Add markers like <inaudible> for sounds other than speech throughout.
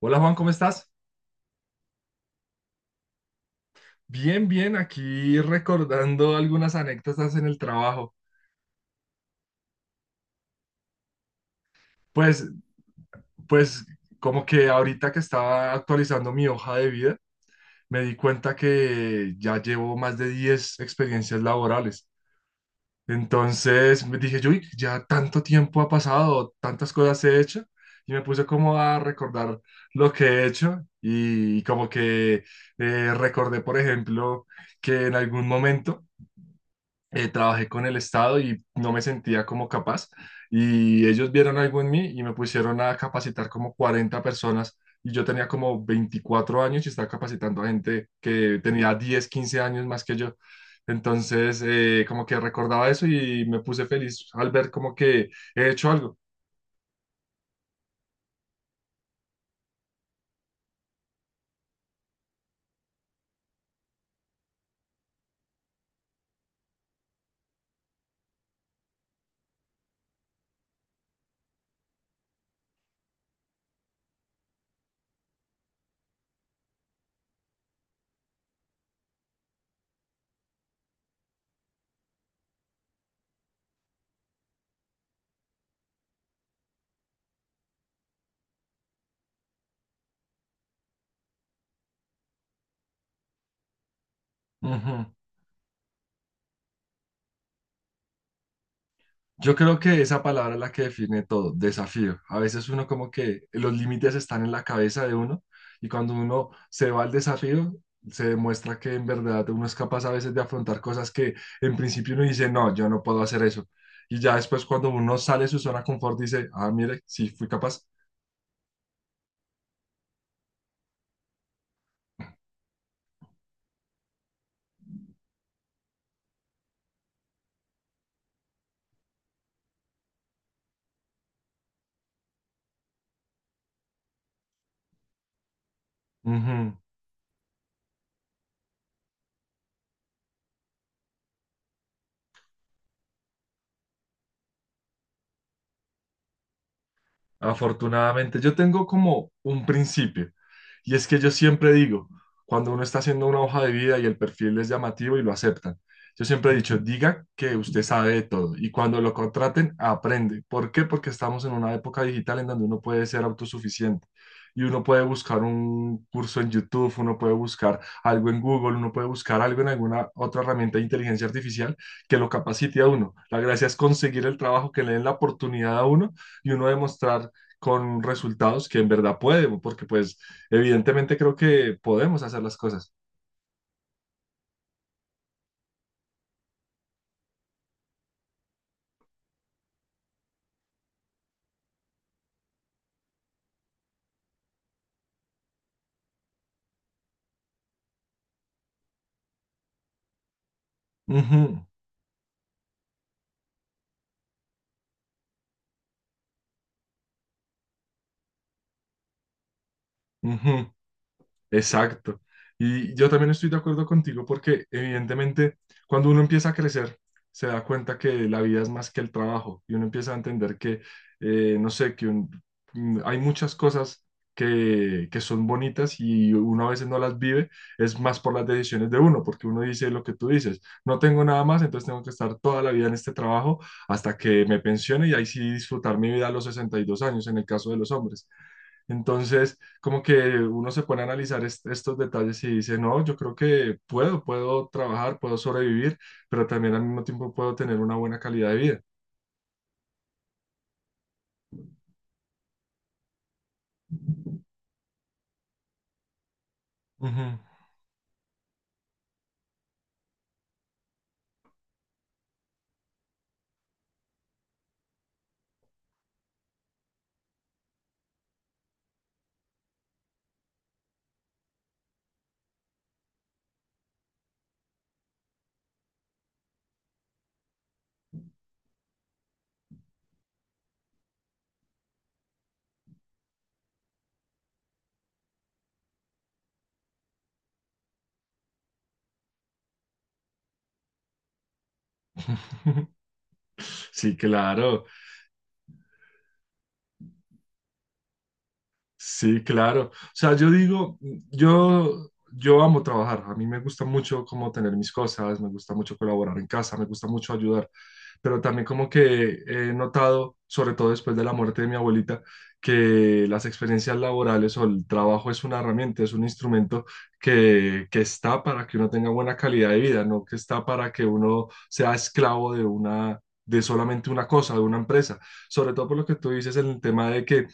Hola Juan, ¿cómo estás? Bien, bien, aquí recordando algunas anécdotas en el trabajo. Pues, pues como que ahorita que estaba actualizando mi hoja de vida, me di cuenta que ya llevo más de 10 experiencias laborales. Entonces me dije, yo "Uy, ya tanto tiempo ha pasado, tantas cosas he hecho, y me puse como a recordar lo que he hecho y como que recordé, por ejemplo, que en algún momento trabajé con el Estado y no me sentía como capaz. Y ellos vieron algo en mí y me pusieron a capacitar como 40 personas. Y yo tenía como 24 años y estaba capacitando a gente que tenía 10 15 años más que yo. Entonces, como que recordaba eso y me puse feliz al ver como que he hecho algo. Ujú. Yo creo que esa palabra es la que define todo, desafío. A veces uno como que los límites están en la cabeza de uno y cuando uno se va al desafío, se demuestra que en verdad uno es capaz a veces de afrontar cosas que en principio uno dice, no, yo no puedo hacer eso. Y ya después cuando uno sale de su zona de confort dice, ah, mire, sí fui capaz. Ujú. Afortunadamente, yo tengo como un principio, y es que yo siempre digo, cuando uno está haciendo una hoja de vida y el perfil es llamativo y lo aceptan, yo siempre he dicho, diga que usted sabe de todo, y cuando lo contraten, aprende. ¿Por qué? Porque estamos en una época digital en donde uno puede ser autosuficiente. Y uno puede buscar un curso en YouTube, uno puede buscar algo en Google, uno puede buscar algo en alguna otra herramienta de inteligencia artificial que lo capacite a uno. La gracia es conseguir el trabajo, que le den la oportunidad a uno y uno demostrar con resultados que en verdad puede, porque pues evidentemente creo que podemos hacer las cosas. Ujú, ujú. Exacto. Y yo también estoy de acuerdo contigo porque evidentemente cuando uno empieza a crecer, se da cuenta que la vida es más que el trabajo y uno empieza a entender que, no sé, que hay muchas cosas que son bonitas y uno a veces no las vive, es más por las decisiones de uno, porque uno dice lo que tú dices, no tengo nada más, entonces tengo que estar toda la vida en este trabajo hasta que me pensione y ahí sí disfrutar mi vida a los 62 años en el caso de los hombres. Entonces, como que uno se pone a analizar estos detalles y dice, no, yo creo que puedo, puedo trabajar, puedo sobrevivir, pero también al mismo tiempo puedo tener una buena calidad de vida. Ujú. <laughs> Sí, claro. Sí, claro. O sea, yo digo, yo amo trabajar. A mí me gusta mucho como tener mis cosas, me gusta mucho colaborar en casa, me gusta mucho ayudar. Pero también como que he notado, sobre todo después de la muerte de mi abuelita, que las experiencias laborales o el trabajo es una herramienta, es un instrumento que está para que uno tenga buena calidad de vida, no que está para que uno sea esclavo de una, de solamente una cosa, de una empresa. Sobre todo por lo que tú dices en el tema de que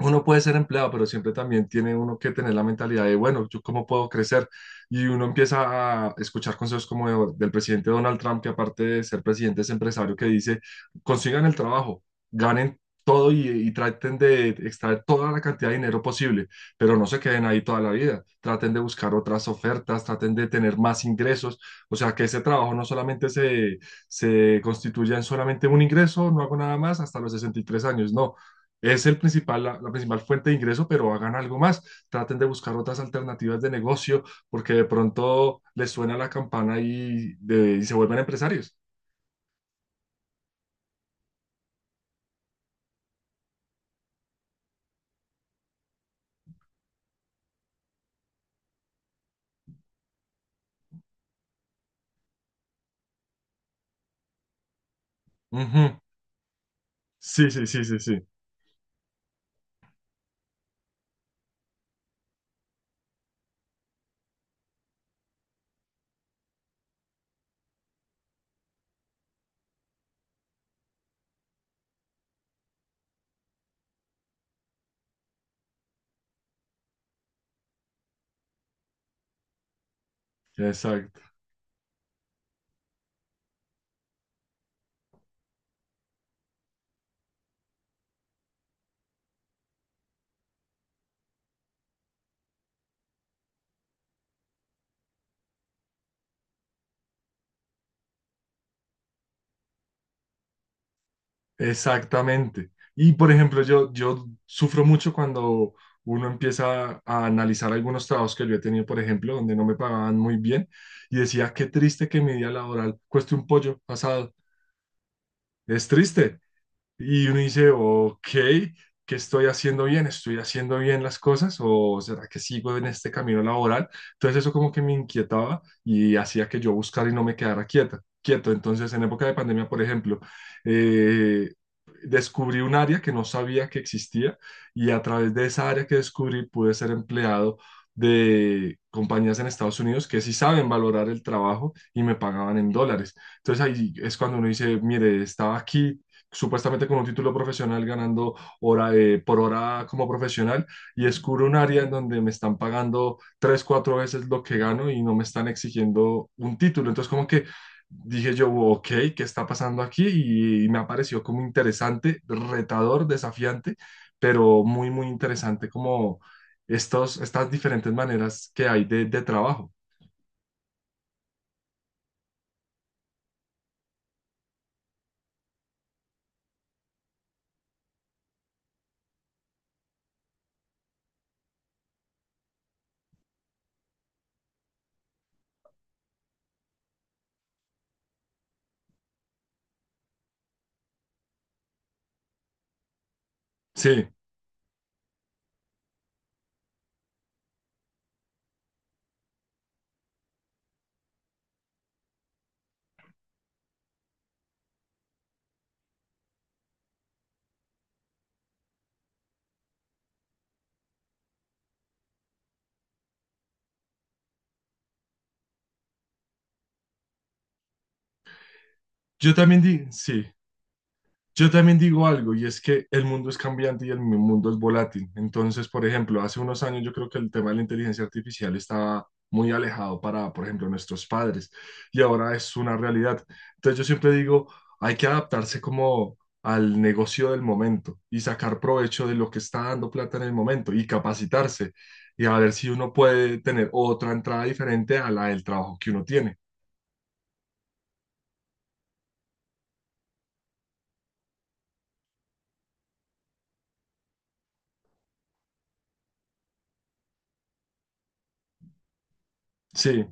uno puede ser empleado, pero siempre también tiene uno que tener la mentalidad de, bueno, ¿yo cómo puedo crecer? Y uno empieza a escuchar consejos como del presidente Donald Trump, que aparte de ser presidente es empresario, que dice, consigan el trabajo, ganen todo y traten de extraer toda la cantidad de dinero posible, pero no se queden ahí toda la vida. Traten de buscar otras ofertas, traten de tener más ingresos. O sea, que ese trabajo no solamente se, se constituya en solamente un ingreso, no hago nada más hasta los 63 años, no es el principal, la principal fuente de ingreso, pero hagan algo más. Traten de buscar otras alternativas de negocio porque de pronto les suena la campana y se vuelven empresarios. Ujú. Sí, sí, sí, sí, sí. Exacto. Exactamente. Y por ejemplo, yo sufro mucho cuando uno empieza a analizar algunos trabajos que yo he tenido, por ejemplo, donde no me pagaban muy bien y decía, qué triste que mi día laboral cueste un pollo asado. Es triste. Y uno dice, ok, ¿qué estoy haciendo bien? ¿Estoy haciendo bien las cosas? ¿O será que sigo en este camino laboral? Entonces eso como que me inquietaba y hacía que yo buscara y no me quedara quieta, quieto. Entonces en época de pandemia, por ejemplo, eh, descubrí un área que no sabía que existía y a través de esa área que descubrí pude ser empleado de compañías en Estados Unidos que sí saben valorar el trabajo y me pagaban en dólares. Entonces ahí es cuando uno dice, mire, estaba aquí supuestamente con un título profesional ganando hora, por hora como profesional y descubro un área en donde me están pagando tres, cuatro veces lo que gano y no me están exigiendo un título. Entonces como que dije yo, ok, ¿qué está pasando aquí? Y me apareció como interesante, retador, desafiante, pero muy, muy interesante como estos, estas diferentes maneras que hay de, trabajo. Sí, yo también sí. Yo también digo algo, y es que el mundo es cambiante y el mundo es volátil. Entonces, por ejemplo, hace unos años yo creo que el tema de la inteligencia artificial estaba muy alejado para, por ejemplo, nuestros padres, y ahora es una realidad. Entonces, yo siempre digo, hay que adaptarse como al negocio del momento y sacar provecho de lo que está dando plata en el momento y capacitarse y a ver si uno puede tener otra entrada diferente a la del trabajo que uno tiene. Sí.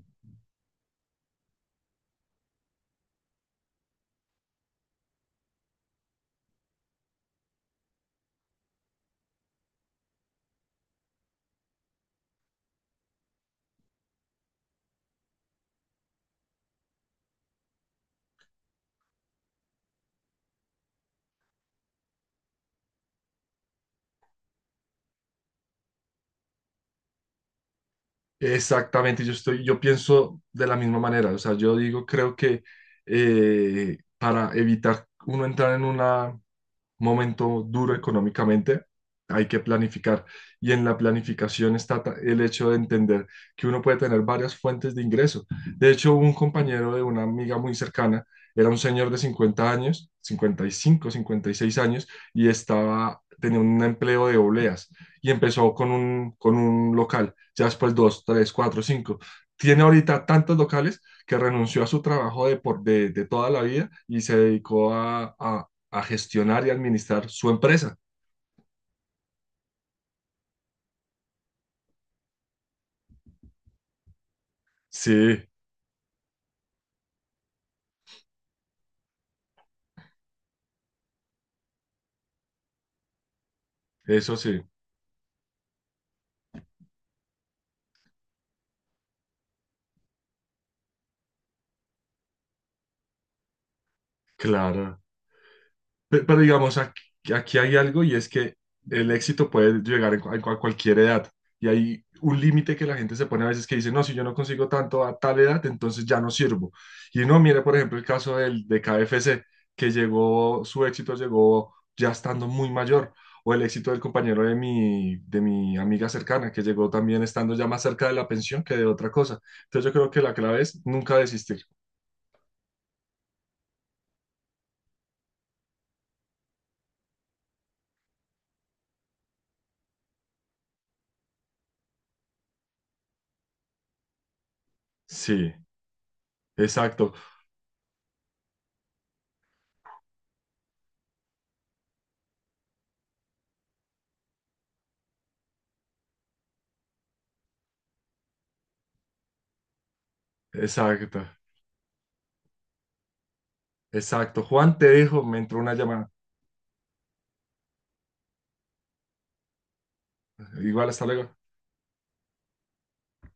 Exactamente, yo estoy, yo pienso de la misma manera, o sea, yo digo, creo que para evitar uno entrar en una momento duro económicamente, hay que planificar. Y en la planificación está el hecho de entender que uno puede tener varias fuentes de ingreso. De hecho, un compañero de una amiga muy cercana era un señor de 50 años, 50 55 56 años, y estaba, tenía un empleo de obleas y empezó con un, local, ya después dos, tres, cuatro, cinco. Tiene ahorita tantos locales que renunció a su trabajo de, por, de, de toda la vida y se dedicó a, a gestionar y administrar su empresa. Sí, eso sí, claro. Pero, digamos, aquí, aquí hay algo y es que el éxito puede llegar a cualquier edad. Y hay un límite que la gente se pone a veces que dice, no, si yo no consigo tanto a tal edad, entonces ya no sirvo. Y no, mire, por ejemplo, el caso del, de KFC, que llegó, su éxito llegó ya estando muy mayor. O el éxito del compañero de mi amiga cercana, que llegó también estando ya más cerca de la pensión que de otra cosa. Entonces yo creo que la clave es nunca desistir. Sí, exacto, exacto. Exacto. Juan, te dejo, me entró una llamada. Igual, hasta luego.